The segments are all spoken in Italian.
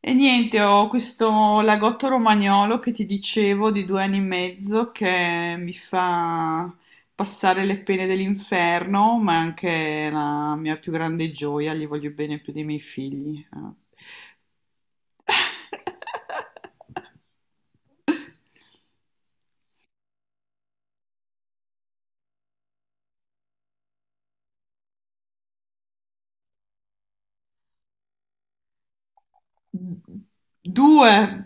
E niente, ho questo lagotto romagnolo che ti dicevo di 2 anni e mezzo che mi fa passare le pene dell'inferno, ma è anche la mia più grande gioia, gli voglio bene più dei miei figli. Eh. Due!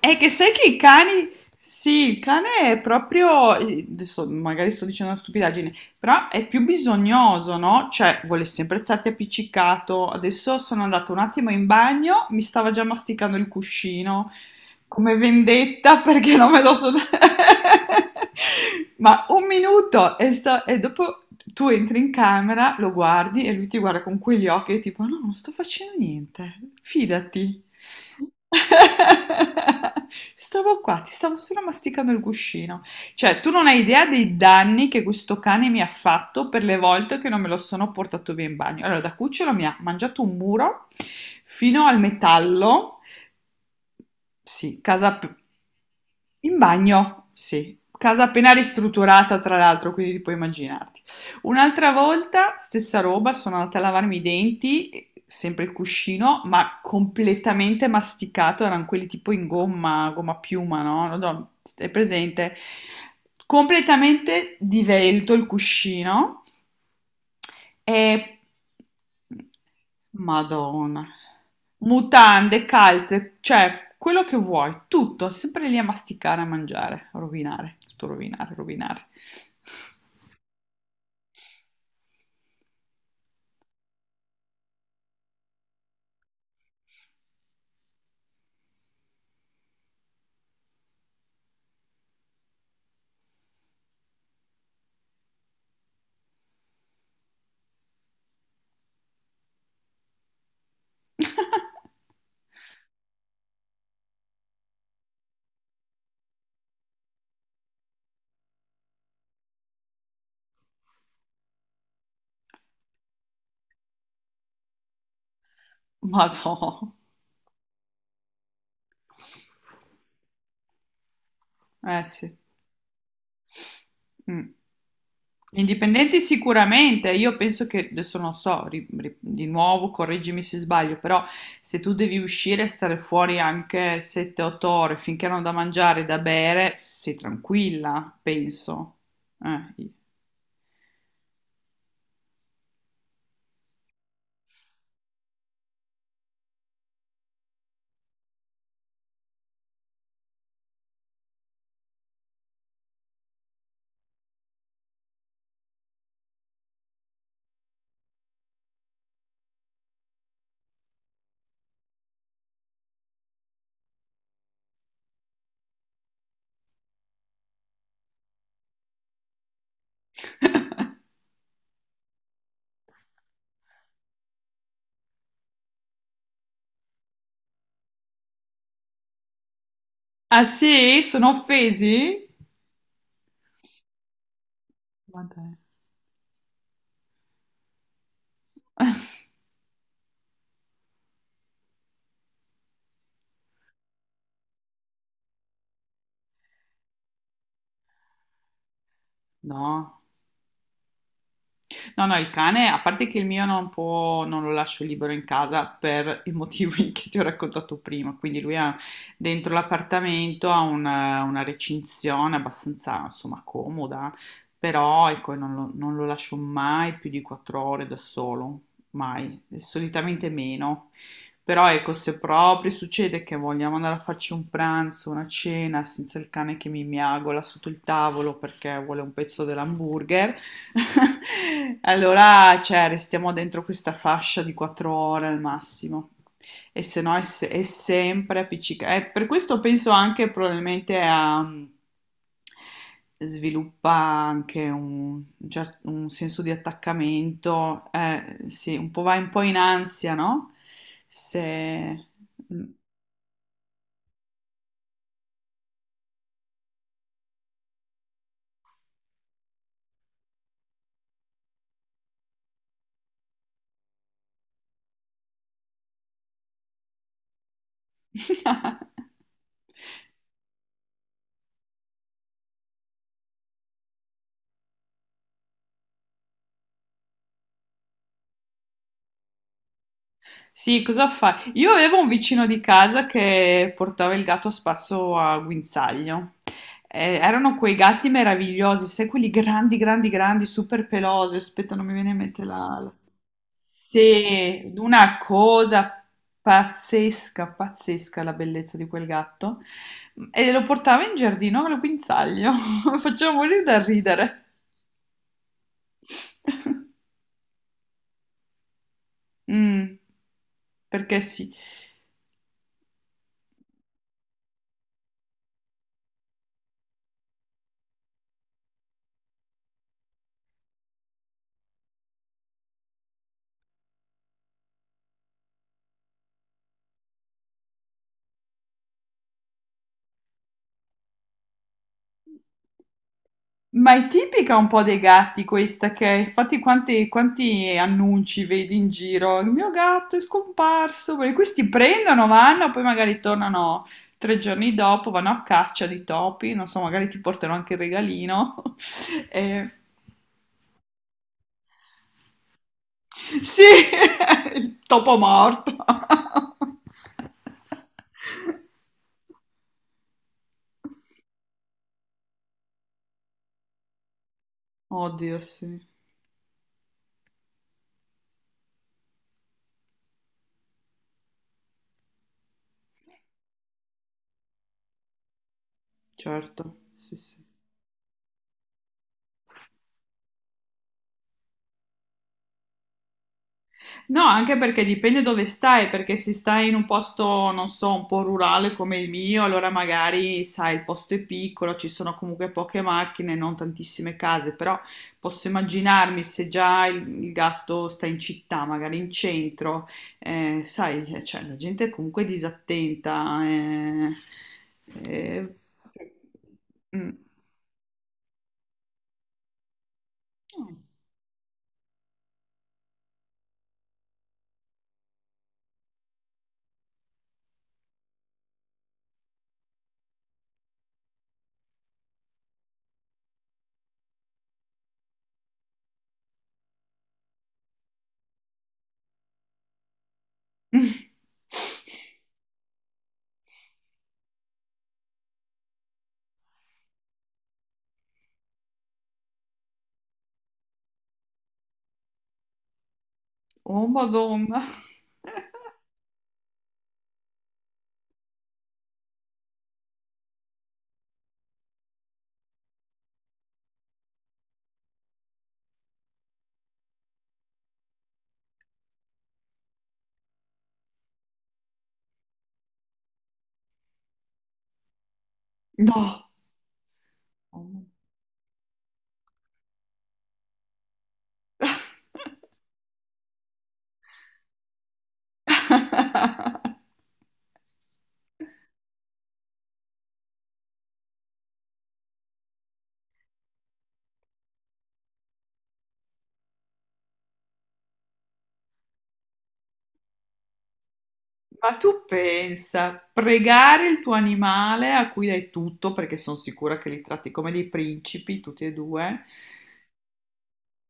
È che sai che i cani, sì, il cane è proprio, adesso magari sto dicendo una stupidaggine, però è più bisognoso, no? Cioè, vuole sempre starti appiccicato. Adesso sono andata un attimo in bagno, mi stava già masticando il cuscino. Come vendetta perché non me lo sono... Ma un minuto e, e dopo tu entri in camera, lo guardi e lui ti guarda con quegli occhi e tipo no, non sto facendo niente, fidati. Stavo qua, ti stavo solo masticando il cuscino. Cioè, tu non hai idea dei danni che questo cane mi ha fatto per le volte che non me lo sono portato via in bagno. Allora, da cucciolo mi ha mangiato un muro fino al metallo, sì, in bagno, sì. Casa appena ristrutturata, tra l'altro, quindi ti puoi immaginarti. Un'altra volta, stessa roba, sono andata a lavarmi i denti, sempre il cuscino, ma completamente masticato, erano quelli tipo in gomma, gomma piuma, no? Non so, è presente? Completamente divelto il cuscino. E Madonna. Mutande, calze, cioè quello che vuoi, tutto, sempre lì a masticare, a mangiare, a rovinare, tutto rovinare, rovinare. Madonna. Eh sì. Mm. Indipendenti sicuramente, io penso che, adesso non so, di nuovo correggimi se sbaglio, però se tu devi uscire e stare fuori anche 7-8 ore finché hanno da mangiare e da bere, sei tranquilla, penso. Eh. Ah sì? Sono offesi? Ma dai. No. No, no, il cane, a parte che il mio non può, non lo lascio libero in casa per i motivi che ti ho raccontato prima, quindi lui ha dentro l'appartamento ha una recinzione abbastanza, insomma, comoda, però ecco, non lo lascio mai più di 4 ore da solo, mai, solitamente meno. Però ecco, se proprio succede che vogliamo andare a farci un pranzo, una cena, senza il cane che mi miagola sotto il tavolo perché vuole un pezzo dell'hamburger, allora, cioè, restiamo dentro questa fascia di 4 ore al massimo. E se no è, è sempre appiccicato. Per questo penso anche probabilmente a... sviluppa anche un, un senso di attaccamento, sì, un po' vai un po' in ansia, no? Se... Sì, cosa fai? Io avevo un vicino di casa che portava il gatto spasso a guinzaglio. Erano quei gatti meravigliosi, sai, quelli grandi, grandi, grandi, super pelosi. Aspetta, non mi viene in mente la... Sì, una cosa pazzesca, pazzesca la bellezza di quel gatto. E lo portava in giardino al guinzaglio. Faceva morire da ridere. Mm, perché sì. Ma è tipica un po' dei gatti questa che infatti quanti, quanti annunci vedi in giro? Il mio gatto è scomparso, perché questi prendono, vanno, poi magari tornano 3 giorni dopo, vanno a caccia di topi, non so, magari ti portano anche il regalino. Eh, sì, il topo morto. Oddio, sì, certo, sì, sì. No, anche perché dipende dove stai, perché se stai in un posto, non so, un po' rurale come il mio, allora magari, sai, il posto è piccolo, ci sono comunque poche macchine, non tantissime case, però posso immaginarmi se già il gatto sta in città, magari in centro, sai, cioè, la gente è comunque disattenta. Eh, eh, mm. Oh, Madonna. No. Oh, Madonna. Ma tu pensa, pregare il tuo animale a cui dai tutto, perché sono sicura che li tratti come dei principi, tutti e due.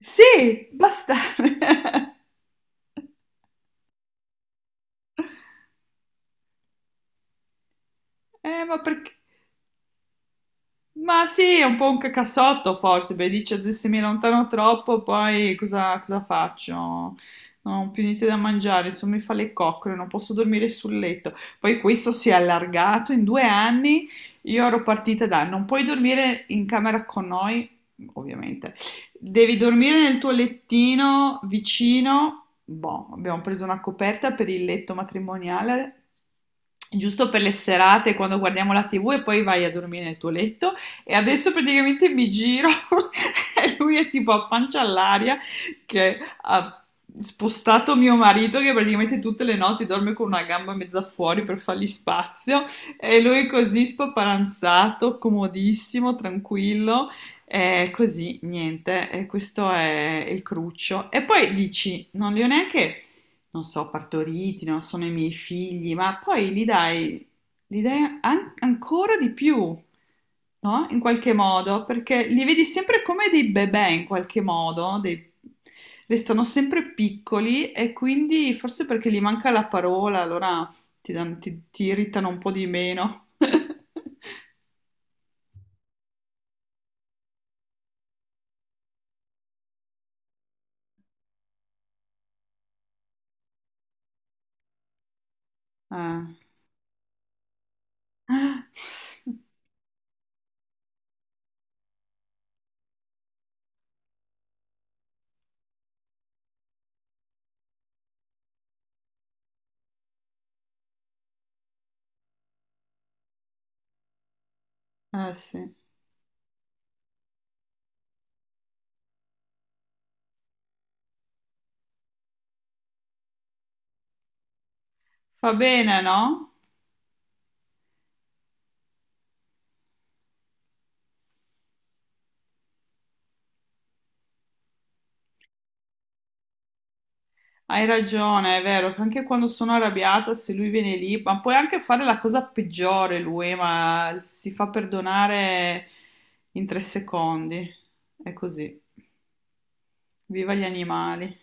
Sì, bastare. Ma perché? Ma sì, è un po' un cacassotto forse, perché dice "Adesso se mi allontano troppo, poi cosa, cosa faccio? No, non ho più niente da mangiare, insomma mi fa le coccole, non posso dormire sul letto. Poi questo si è allargato in 2 anni, io ero partita da non puoi dormire in camera con noi, ovviamente, devi dormire nel tuo lettino vicino. Boh, abbiamo preso una coperta per il letto matrimoniale, giusto per le serate quando guardiamo la TV e poi vai a dormire nel tuo letto. E adesso praticamente mi giro e lui è tipo a pancia all'aria che ha spostato mio marito che praticamente tutte le notti dorme con una gamba mezza fuori per fargli spazio e lui così spaparanzato, comodissimo, tranquillo. E così, niente, e questo è il cruccio. E poi dici, non li ho neanche, non so, partoriti, non sono i miei figli, ma poi li dai l'idea ancora di più, no? In qualche modo, perché li vedi sempre come dei bebè in qualche modo, dei- restano sempre piccoli e quindi forse perché gli manca la parola, allora ti, ti irritano un po' di meno. Eh. Eh sì, fa bene, no? Hai ragione, è vero, che anche quando sono arrabbiata, se lui viene lì, ma puoi anche fare la cosa peggiore lui, ma si fa perdonare in 3 secondi. È così. Viva gli animali.